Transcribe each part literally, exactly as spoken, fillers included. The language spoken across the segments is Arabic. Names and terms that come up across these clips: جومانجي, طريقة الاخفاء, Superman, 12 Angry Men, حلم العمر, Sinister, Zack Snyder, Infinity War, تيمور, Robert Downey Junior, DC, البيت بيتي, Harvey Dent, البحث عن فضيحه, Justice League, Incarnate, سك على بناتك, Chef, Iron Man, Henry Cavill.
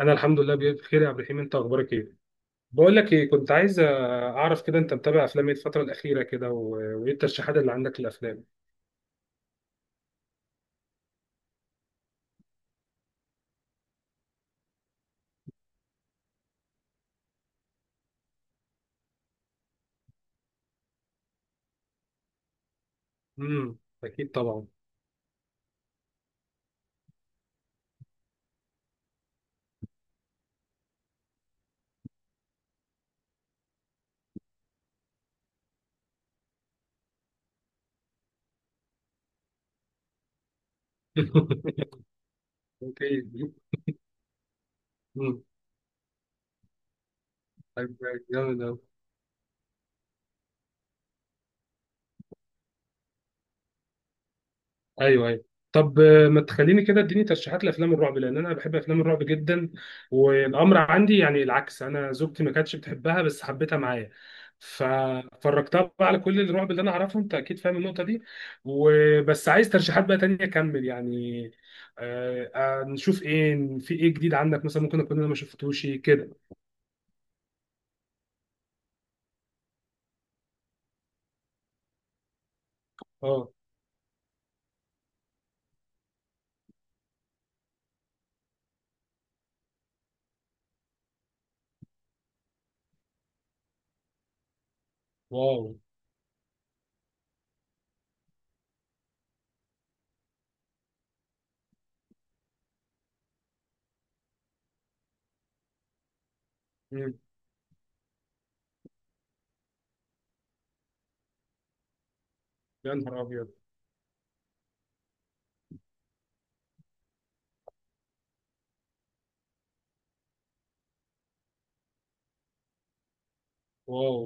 انا الحمد لله بخير يا عبد الرحيم، انت اخبارك ايه؟ بقول لك ايه، كنت عايز اعرف كده انت متابع افلام ايه الفتره الاخيره كده و... وايه الترشيحات اللي عندك للافلام؟ امم اكيد طبعا. اوكي. امم طيب، جامد. ايوه ايوه. طب، آه، ما تخليني كده اديني ترشيحات لافلام الرعب لان انا بحب افلام الرعب جدا. والامر عندي يعني العكس، انا زوجتي ما كانتش بتحبها بس حبيتها معايا، ففرجتها بقى على كل الرعب اللي انا اعرفه، انت اكيد فاهم النقطه دي. وبس عايز ترشيحات بقى تانية اكمل يعني. آه، آه، نشوف ايه، في ايه جديد عندك مثلا ممكن اكون انا ما شفتوش كده. اه. واو. مم. يا نهار ابيض. واو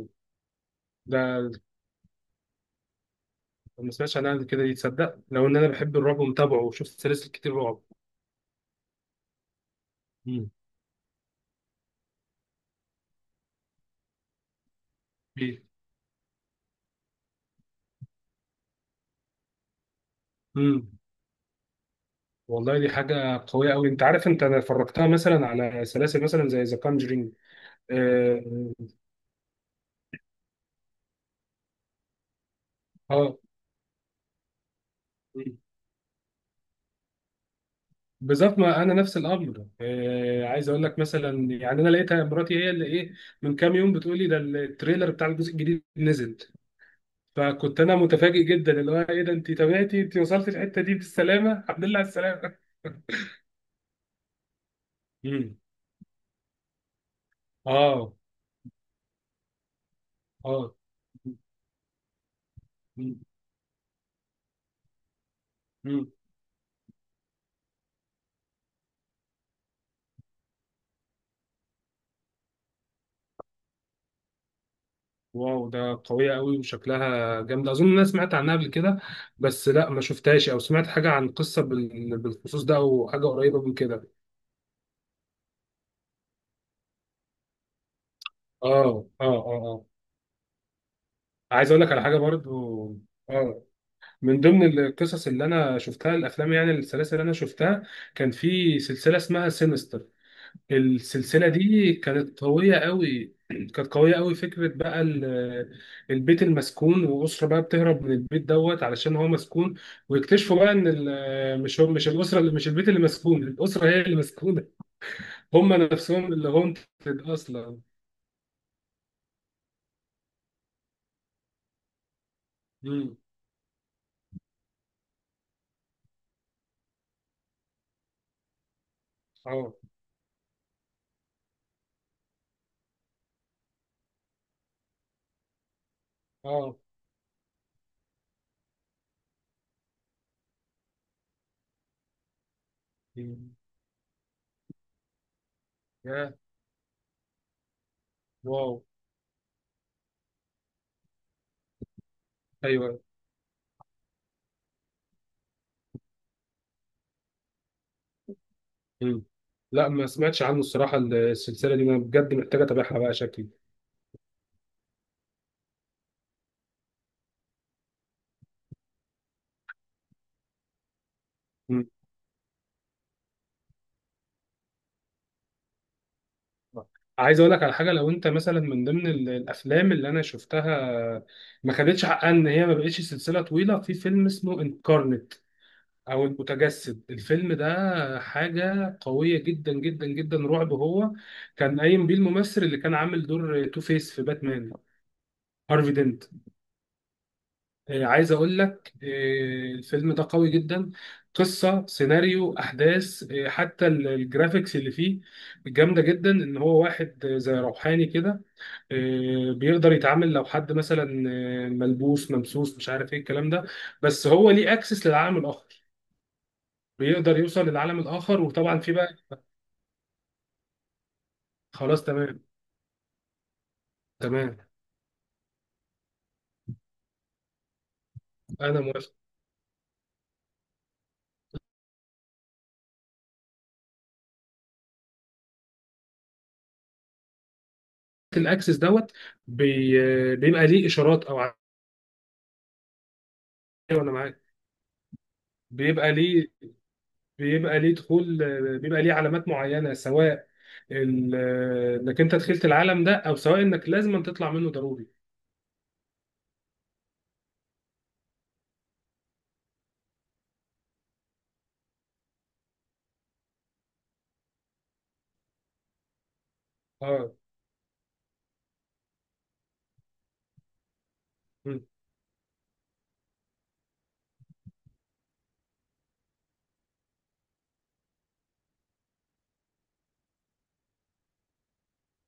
ده. ما سمعتش عنها قبل كده، يتصدق لو ان انا بحب الرعب ومتابعه وشفت سلاسل كتير رعب. مم. إيه. مم. والله دي حاجة قوية أوي. أنت عارف أنت أنا فرجتها مثلا على سلاسل مثلا زي ذا كونجرينج. آه آه. بالظبط، ما أنا نفس الأمر. آه عايز أقول لك مثلا يعني أنا لقيتها مراتي هي اللي إيه، من كام يوم بتقول لي ده التريلر بتاع الجزء الجديد نزل. فكنت أنا متفاجئ جدا، اللي هو إيه ده أنت تابعتي، أنت وصلت الحتة دي بالسلامة، الحمد لله على السلامة. مم. آه آه. مم. مم. واو ده قوية قوي وشكلها جامدة، أظن أنا سمعت عنها قبل كده، بس لا ما شفتهاش أو سمعت حاجة عن قصة بال- بالخصوص ده أو حاجة قريبة من كده. آه آه آه. آه عايز أقول لك على حاجة برضو. آه من ضمن القصص اللي أنا شفتها الأفلام يعني السلاسل اللي أنا شفتها، كان في سلسلة اسمها سينستر. السلسلة دي كانت قوية قوي، كانت قوية قوي فكرة بقى ال- البيت المسكون وأسرة بقى بتهرب من البيت دوت علشان هو مسكون، ويكتشفوا بقى إن ال- مش هو مش الأسرة اللي مش البيت اللي مسكون، الأسرة هي اللي مسكونة، هم نفسهم اللي هونتد أصلا. مم. اه اه. مم. يا. واو. أيوه. مم. لا ما سمعتش عنه الصراحة، السلسلة دي أنا بجد محتاجة أتابعها بقى شكلي. عايز اقول لك على حاجه، لو انت مثلا من ضمن ال- الافلام اللي انا شفتها ما خدتش حقها ان هي ما بقتش سلسله طويله، في فيلم اسمه انكارنت او المتجسد. الفيلم ده حاجه قويه جدا جدا جدا رعب، هو كان قايم بيه الممثل اللي كان عامل دور تو فيس في باتمان، هارفي دينت. آه، عايز اقول لك، آه، الفيلم ده قوي جدا، قصه سيناريو احداث، آه، حتى ال- الجرافيكس اللي فيه جامده جدا. ان هو واحد آه، زي روحاني كده، آه، بيقدر يتعامل لو حد مثلا آه، ملبوس ممسوس مش عارف ايه الكلام ده، بس هو ليه اكسس للعالم الاخر، بيقدر يوصل للعالم الاخر. وطبعا في بقى. خلاص تمام. تمام انا موافق. الاكسس دوت بي... آه، بيبقى ليه اشارات او ع-. وانا معاك. بيبقى ليه، بيبقى ليه دخول، آه، بيبقى ليه علامات معينه، سواء ال... آه، انك انت دخلت العالم ده، او سواء انك لازم تطلع منه ضروري. اه.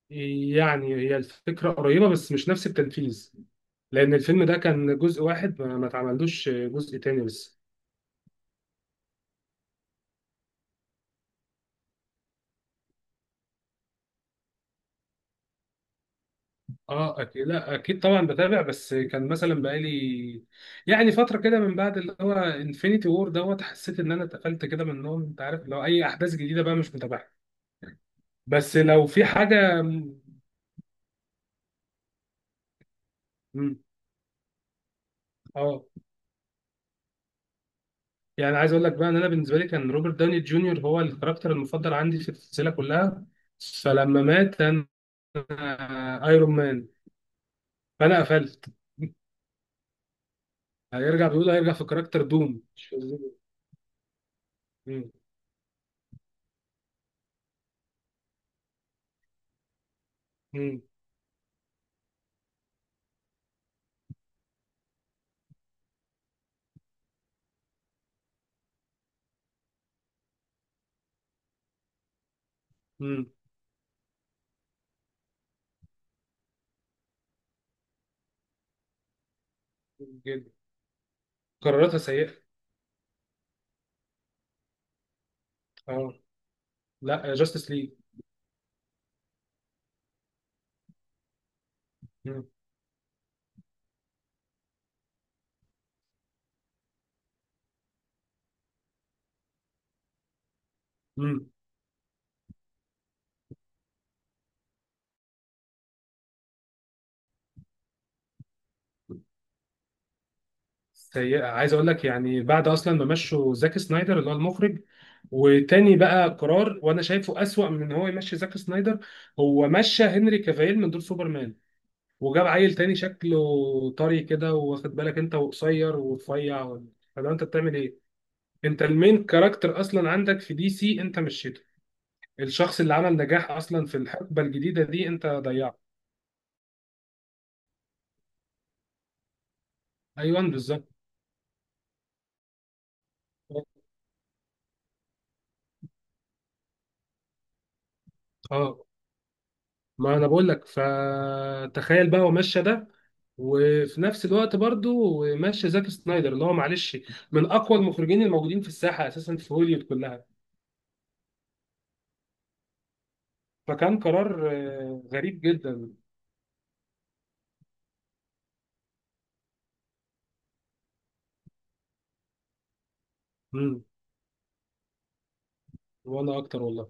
يعني هي الفكرة قريبة بس مش نفس التنفيذ، لأن الفيلم ده كان جزء واحد ما ما اتعملوش جزء تاني لسه. اه اكيد، لا اكيد طبعا بتابع، بس كان مثلا بقالي يعني فتره كده من بعد اللي هو انفينيتي وور دوت، حسيت ان انا اتقفلت كده من النوم، انت عارف، لو اي احداث جديده بقى مش متابعها. بس لو في حاجه. مم. اه. يعني عايز اقول لك بقى، ان انا بالنسبه لي كان روبرت داوني جونيور هو الكاركتر المفضل عندي في السلسله كلها، فلما مات انا، ايرون مان، فانا قفلت. هيرجع، بيقول هيرجع في كاركتر دوم مش في الزيرو. مم. مم. مم. جدا. قراراتها سيئه. اه. لا، جاستس ليج. مم. مم. سيئه. عايز اقول لك، يعني بعد اصلا ما مشوا زاك سنايدر اللي هو المخرج، وتاني بقى قرار وانا شايفه اسوأ من ان هو يمشي زاك سنايدر، هو مشى هنري كافيل من دور سوبرمان وجاب عيل تاني شكله طري كده واخد بالك، انت وقصير ورفيع. فلو انت بتعمل ايه. انت المين كاركتر اصلا عندك في دي سي انت مشيته، الشخص اللي عمل نجاح اصلا في الحقبه الجديده دي انت ضيعته. ايوه بالظبط. اه. ما انا بقول لك، فتخيل بقى هو ماشي ده، وفي نفس الوقت برضو ماشي زاك سنايدر اللي هو معلش من اقوى المخرجين الموجودين في الساحه اساسا في هوليوود كلها. فكان قرار آه، غريب جدا. مم. وانا اكتر والله.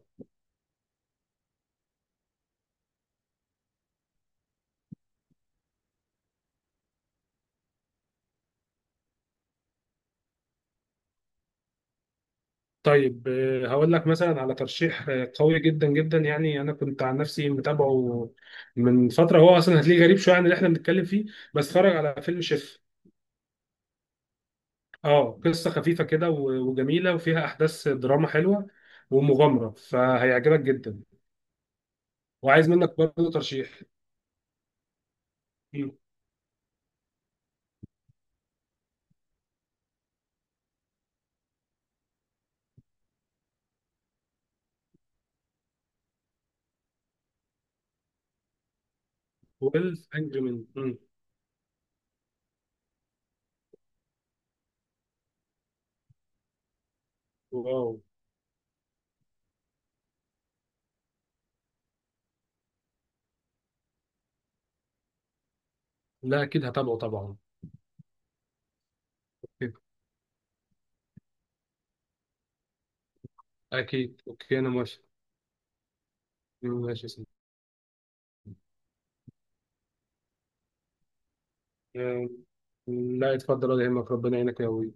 طيب، آه، هقول لك مثلا على ترشيح آه، قوي جدا جدا، يعني انا كنت عن نفسي متابعه من فتره، هو اصلا هتلاقيه غريب شويه عن اللي احنا بنتكلم فيه، بس اتفرج على فيلم شيف. اه قصه خفيفه كده و- وجميله وفيها احداث دراما حلوه ومغامره، فهيعجبك جدا. وعايز منك برضه ترشيح. اتناشر انجري مان. واو. لا اكيد هتابعه طبعا. اكيد. أكيد. اوكي انا موافق. ماشي يا سيدي. آه، لا اتفضل ولا يهمك، ربنا يعينك يا ابوي.